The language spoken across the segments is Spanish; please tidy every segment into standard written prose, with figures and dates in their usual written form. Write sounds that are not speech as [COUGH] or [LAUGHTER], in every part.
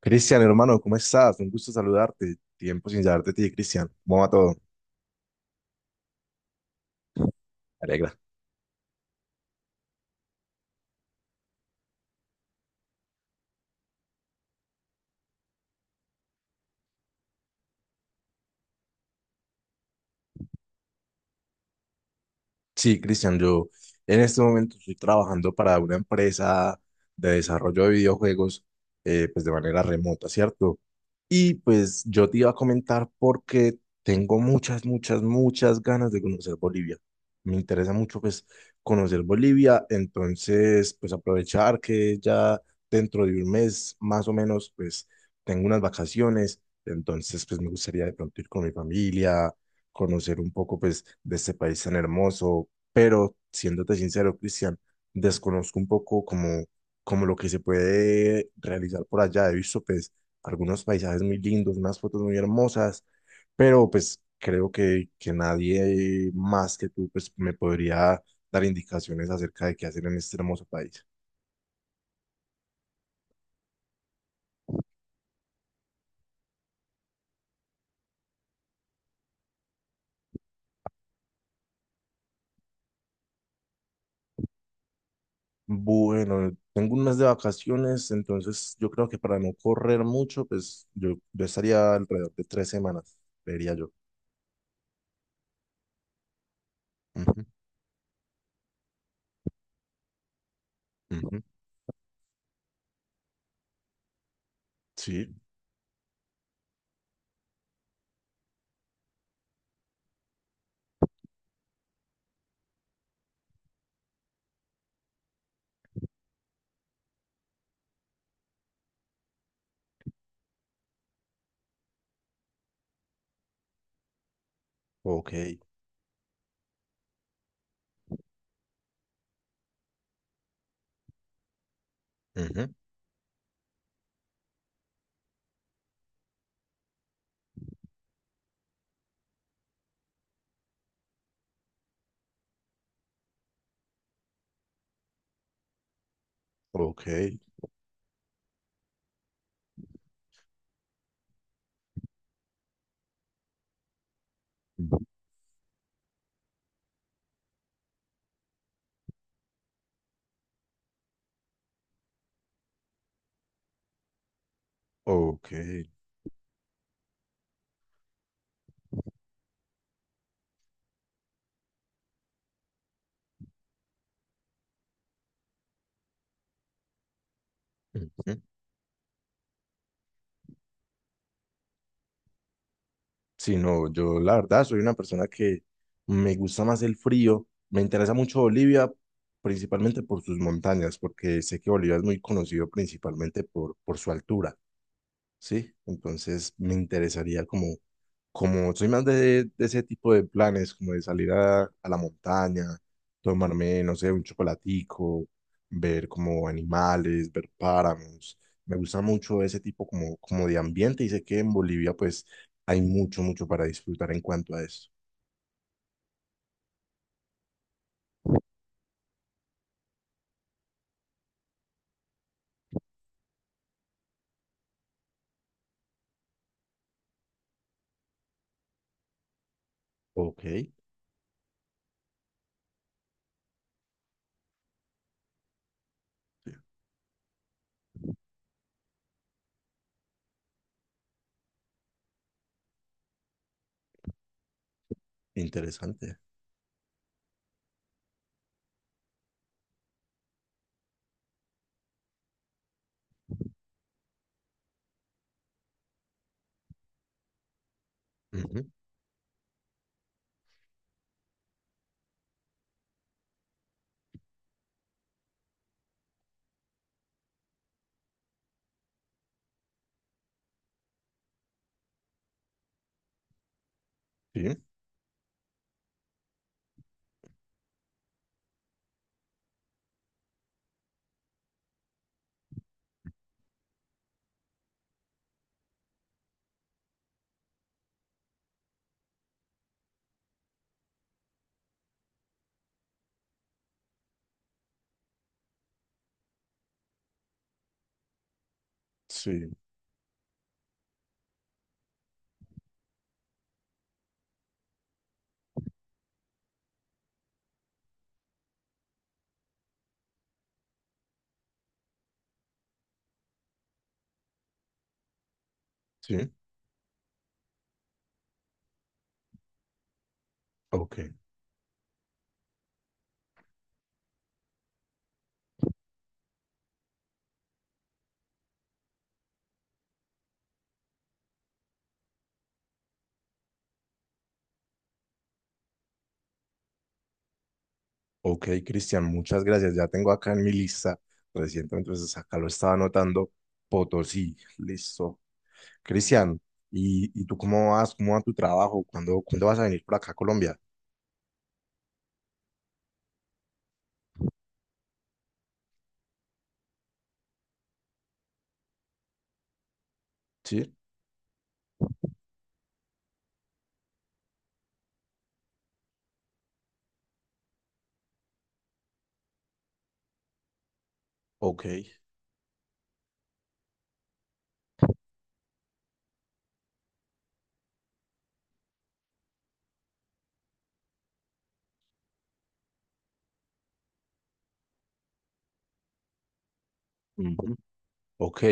Cristian, hermano, ¿cómo estás? Un gusto saludarte. Tiempo sin saber de ti, Cristian. ¿Cómo va todo? Sí, Cristian, yo en este momento estoy trabajando para una empresa de desarrollo de videojuegos, pues de manera remota, ¿cierto? Y pues yo te iba a comentar porque tengo muchas ganas de conocer Bolivia. Me interesa mucho pues conocer Bolivia, entonces pues aprovechar que ya dentro de un mes más o menos pues tengo unas vacaciones, entonces pues me gustaría de pronto ir con mi familia, conocer un poco pues de este país tan hermoso, pero siéndote sincero, Cristian, desconozco un poco como, como lo que se puede realizar por allá. He visto pues algunos paisajes muy lindos, unas fotos muy hermosas, pero pues creo que nadie más que tú pues me podría dar indicaciones acerca de qué hacer en este hermoso país. Bueno, tengo un mes de vacaciones, entonces yo creo que para no correr mucho, pues yo estaría alrededor de tres semanas, vería yo. Ujú, ujú. Sí, ok, ujú, ok, ujú, ok. Ujú. Sí, no, yo la verdad soy una persona que me gusta más el frío. Me interesa mucho Bolivia, principalmente por sus montañas, porque sé que Bolivia es muy conocido principalmente por su altura. Sí, entonces me interesaría como, como soy más de ese tipo de planes, como de salir a la montaña, tomarme, no sé, un chocolatico, ver como animales, ver páramos. Me gusta mucho ese tipo como, como de ambiente y sé que en Bolivia pues hay mucho para disfrutar en cuanto a eso. Ok, interesante. Ujú. Sí, sí, sí, ok. Ok, Cristian, muchas gracias. Ya tengo acá en mi lista reciente, entonces acá lo estaba anotando. Potosí, listo. Cristian, ¿y tú cómo vas? ¿Cómo va tu trabajo? ¿Cuándo vas a venir por acá a Colombia? Sí, ok. Ujú. Ok,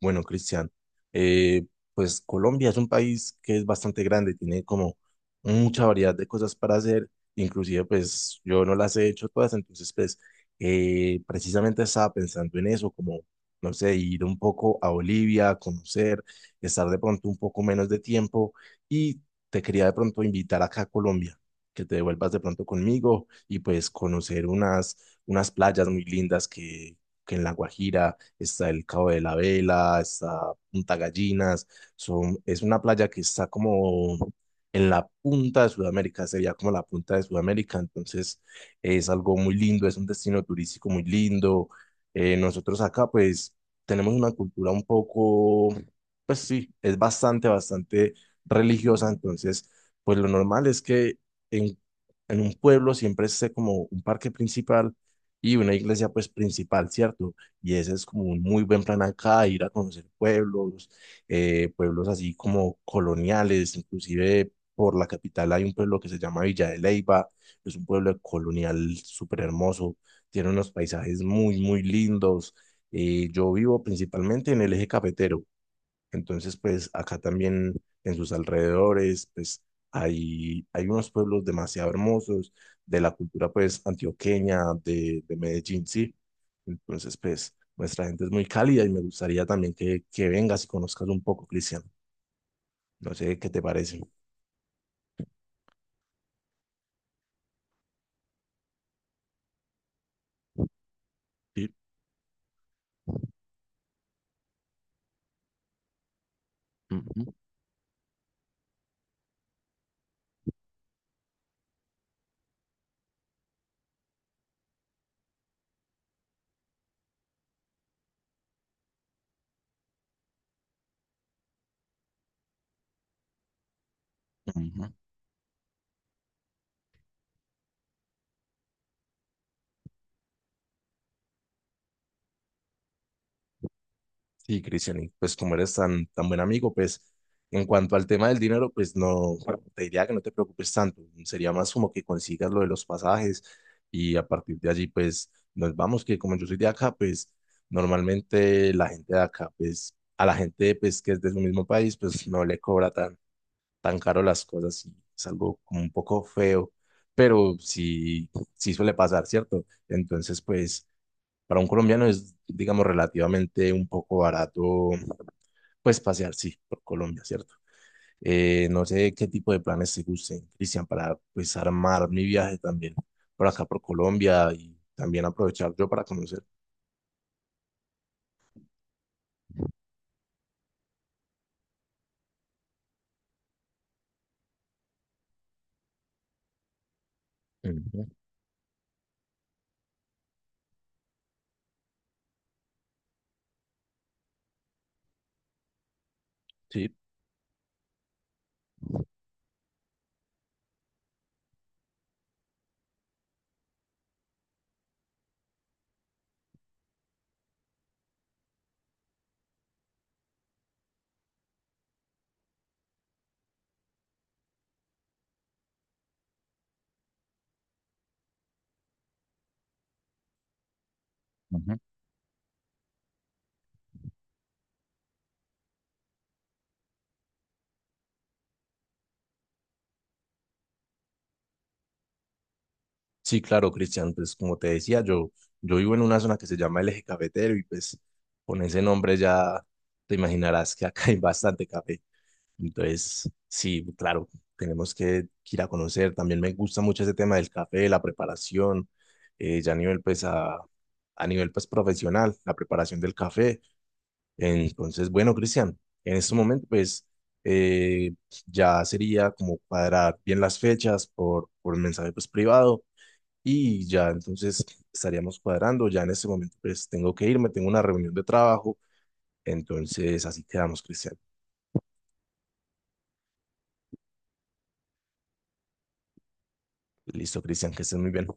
bueno, Cristian, eh, pues Colombia es un país que es bastante grande, tiene como mucha variedad de cosas para hacer, inclusive pues yo no las he hecho todas, entonces pues precisamente estaba pensando en eso, como, no sé, ir un poco a Bolivia, conocer, estar de pronto un poco menos de tiempo y te quería de pronto invitar acá a Colombia, que te devuelvas de pronto conmigo y pues conocer unas, unas playas muy lindas que en La Guajira está el Cabo de la Vela, está Punta Gallinas, son, es una playa que está como en la punta de Sudamérica, sería como la punta de Sudamérica, entonces es algo muy lindo, es un destino turístico muy lindo. Nosotros acá pues tenemos una cultura un poco, pues sí, es bastante religiosa, entonces pues lo normal es que en, en un pueblo siempre esté como un parque principal y una iglesia pues principal, ¿cierto? Y ese es como un muy buen plan acá, ir a conocer pueblos, pueblos así como coloniales, inclusive por la capital hay un pueblo que se llama Villa de Leyva, es un pueblo colonial súper hermoso, tiene unos paisajes muy lindos. Yo vivo principalmente en el eje cafetero, entonces, pues acá también en sus alrededores, pues hay unos pueblos demasiado hermosos de la cultura, pues, antioqueña, de Medellín, sí. Entonces, pues, nuestra gente es muy cálida y me gustaría también que vengas y conozcas un poco, Cristian. No sé qué te parece. Sí. Ujú, ujú. Sí, Cristian, y pues como eres tan buen amigo, pues en cuanto al tema del dinero, pues no, bueno, te diría que no te preocupes tanto. Sería más como que consigas lo de los pasajes y a partir de allí, pues nos vamos, que como yo soy de acá, pues normalmente la gente de acá, pues a la gente pues que es de su mismo país, pues no le cobra tan caro las cosas y es algo como un poco feo, pero sí, sí suele pasar, ¿cierto? Entonces, pues para un colombiano es, digamos, relativamente un poco barato pues pasear, sí, por Colombia, ¿cierto? No sé qué tipo de planes te gusten, Cristian, para pues armar mi viaje también por acá, por Colombia y también aprovechar yo para conocer. Ujú, sí, ujú. Sí, claro, Cristian, pues como te decía, yo vivo en una zona que se llama el Eje Cafetero y pues con ese nombre ya te imaginarás que acá [LAUGHS] hay bastante café. Entonces, sí, claro, tenemos que ir a conocer. También me gusta mucho ese tema del café, la preparación, ya a nivel, pues, profesional, la preparación del café. Entonces, bueno, Cristian, en este momento, pues, eh, ya sería como cuadrar bien las fechas por el mensaje, pues, privado y ya entonces estaríamos cuadrando. Ya en este momento, pues, tengo que irme, tengo una reunión de trabajo. Entonces, así quedamos, Cristian. Listo, Cristian, que estés muy bien.